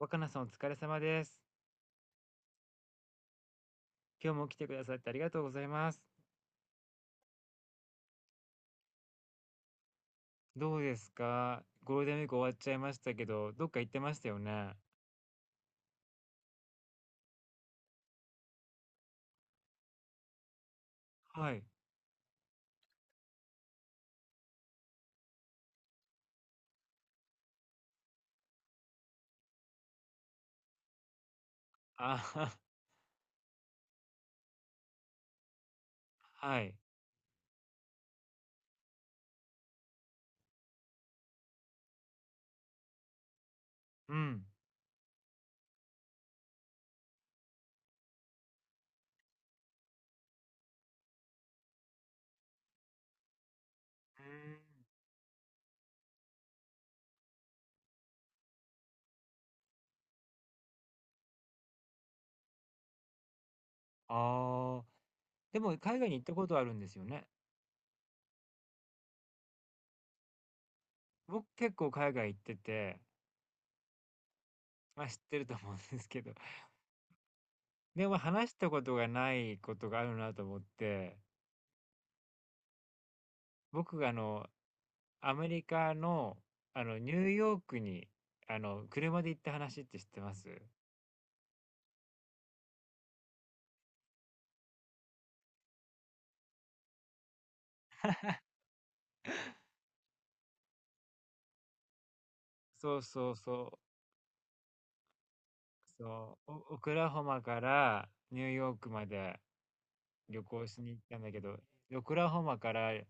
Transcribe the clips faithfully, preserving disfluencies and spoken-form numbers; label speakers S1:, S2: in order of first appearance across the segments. S1: 若菜さんお疲れ様です。今日も来てくださってありがとうございます。どうですかゴールデンウィーク終わっちゃいましたけど、どっか行ってましたよね。はい。あはは、はい。うん。うーん。ああ、でも海外に行ったことあるんですよね。僕結構海外行ってて、まあ知ってると思うんですけど、でも話したことがないことがあるなと思って、僕があの、アメリカの、あの、ニューヨークに、あの、車で行った話って知ってます？そうそうそう、そう、オオクラホマからニューヨークまで旅行しに行ったんだけど、オクラホマからニ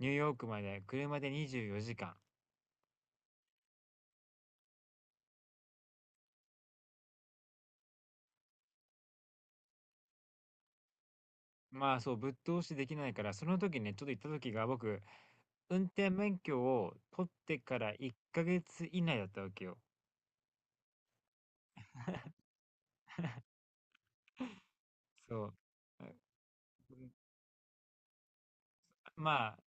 S1: ューヨークまで車でにじゅうよじかん。まあそう、ぶっ通しできないから、その時ね、ちょっと行った時が僕、運転免許を取ってからいっかげつ以内だったわけよ。そう。あま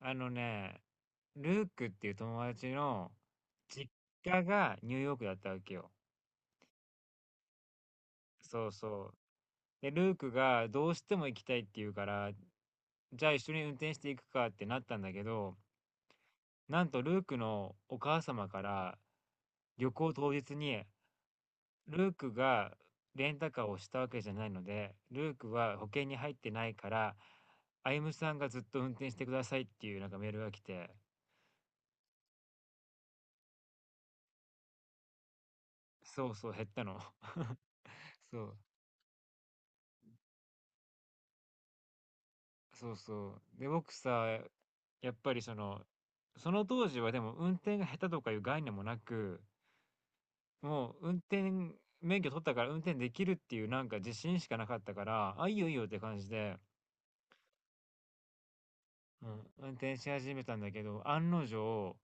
S1: あ、あのね、ルークっていう友達の実家がニューヨークだったわけよ。そうそう。で、ルークがどうしても行きたいって言うから、じゃあ一緒に運転していくかってなったんだけど、なんとルークのお母様から旅行当日に、ルークがレンタカーをしたわけじゃないので、ルークは保険に入ってないから、歩夢さんがずっと運転してくださいっていうなんかメールが来て、そうそう減ったの。そう。そうそう。で、僕さ、やっぱりその、その当時はでも運転が下手とかいう概念もなく、もう運転免許取ったから運転できるっていうなんか自信しかなかったから、あ、いいよいいよって感じで、うん、運転し始めたんだけど、案の定、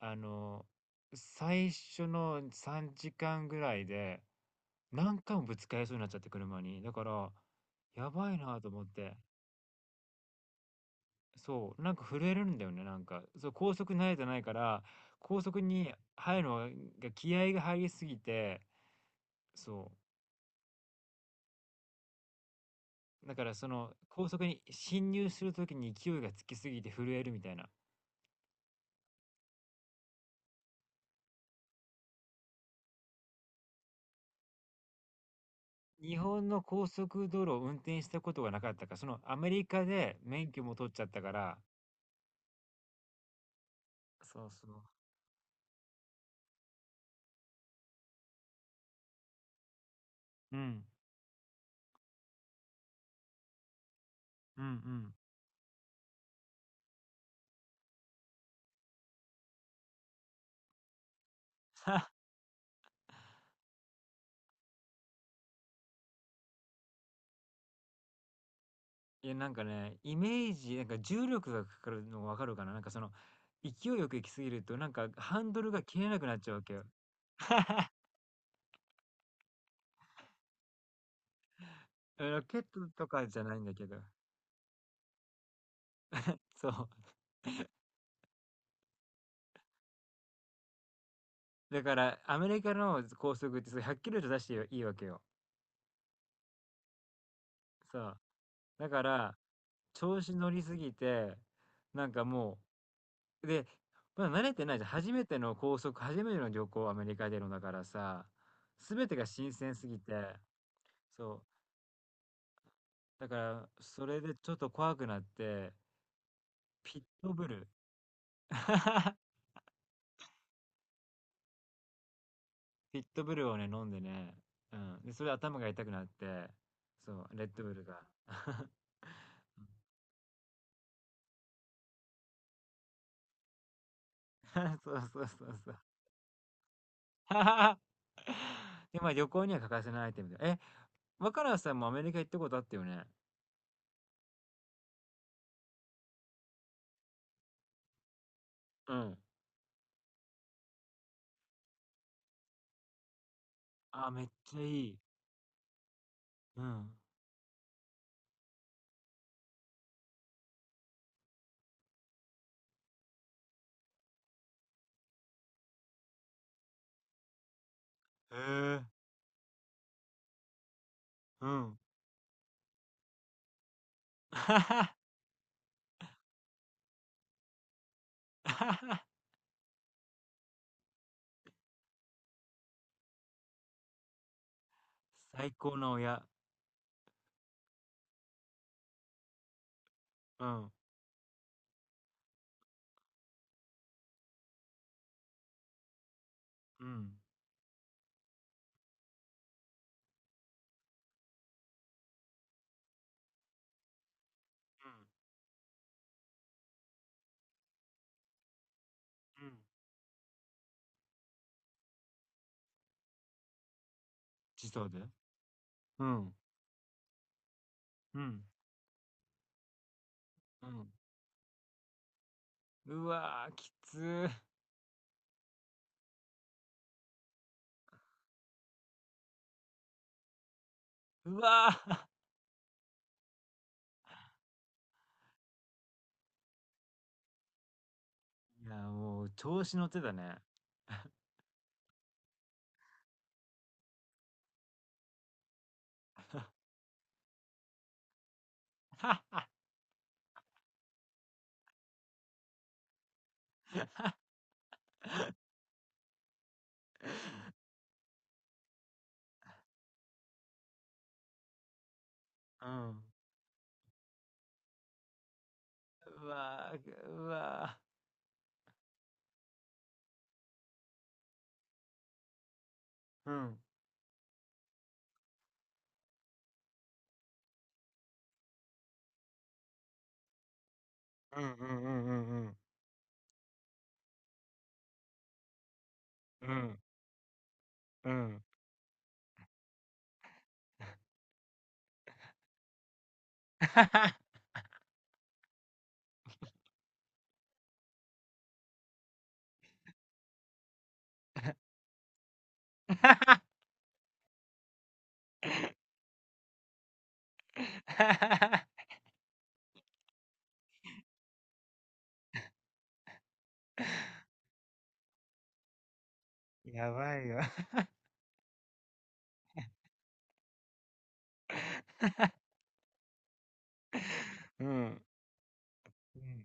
S1: あの、最初のさんじかんぐらいで何回もぶつかりそうになっちゃって車に。だから、やばいなと思って。そう、なんか震えるんだよね、なんか。そう、高速慣れてないから、高速に入るのが気合が入りすぎて、そう。だからその高速に進入するときに勢いがつきすぎて震えるみたいな。日本の高速道路を運転したことがなかったから、そのアメリカで免許も取っちゃったから、そうそう。うん、うん、うん。いや、なんかね、イメージ、なんか重力がかかるのわかるかななんかその、勢いよく行きすぎると、なんかハンドルが切れなくなっちゃうわけよ。ロケットとかじゃないんだけど。そう。だから、アメリカの高速ってそれひゃっキロ以上出していいいいわけよ。そう。だから、調子乗りすぎて、なんかもう、で、まだ慣れてないじゃん。初めての高速、初めての旅行、アメリカでのだからさ、すべてが新鮮すぎて、そう。だから、それでちょっと怖くなって、ピットブル。フィットブルをね、飲んでね、うん。で、それで頭が痛くなって、そう、レッドブルが。そうそうそうそう。で、まあ旅行には欠かせないアイテムで。え、若菜さんもアメリカ行ったことあったよね。うん。あ、めっちゃいい。うん。へえ、うん。最高の親。うん。うん。うん。うん。時差で。うん。うん。うん。うわー、きつー。うわー。いや、もう調子乗ってたね。うん。うわー、うわー。うん。うんうんうんうんうんうん。うん。やばいよ。うん。うん。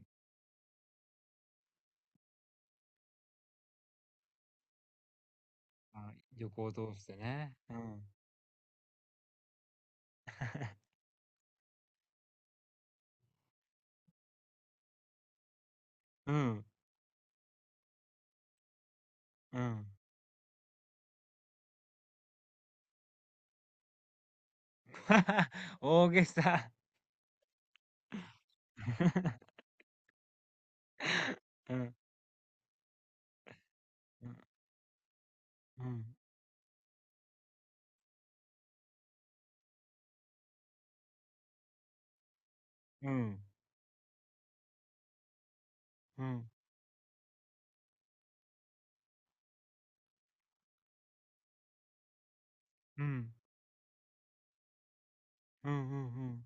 S1: あ、横を通してね。うん。うん。うん。大げさ。うん。うん。うん。うん。うん。うん。うん。うん。うん。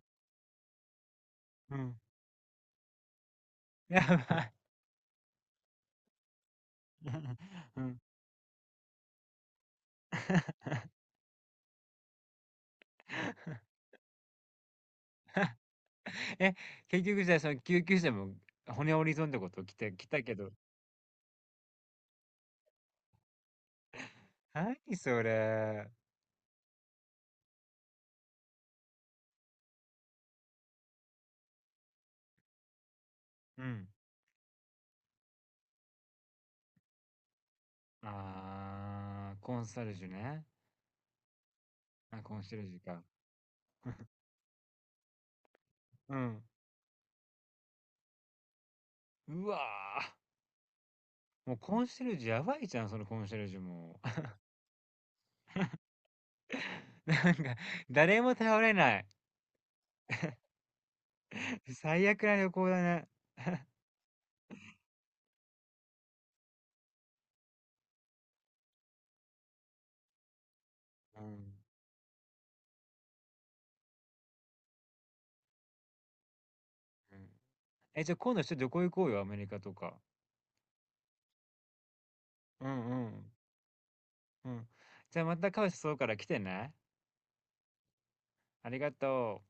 S1: うん やばい。うん。え、結局じゃあ、その救急車も骨折り損ってこと来て、来たけど。何それ。うん。あー、コンサルジュね。あ、コンシェルジュか。うん。うわー。もうコンシェルジュやばいじゃん、そのコンシェルジュも。なんか、誰も頼れない。最悪な旅行だね。うん。うんえ、じゃあ今度ちょっと旅行行こうよ、アメリカとか。うんうん。うん。じゃあまたカオスそうから来てね。ありがとう。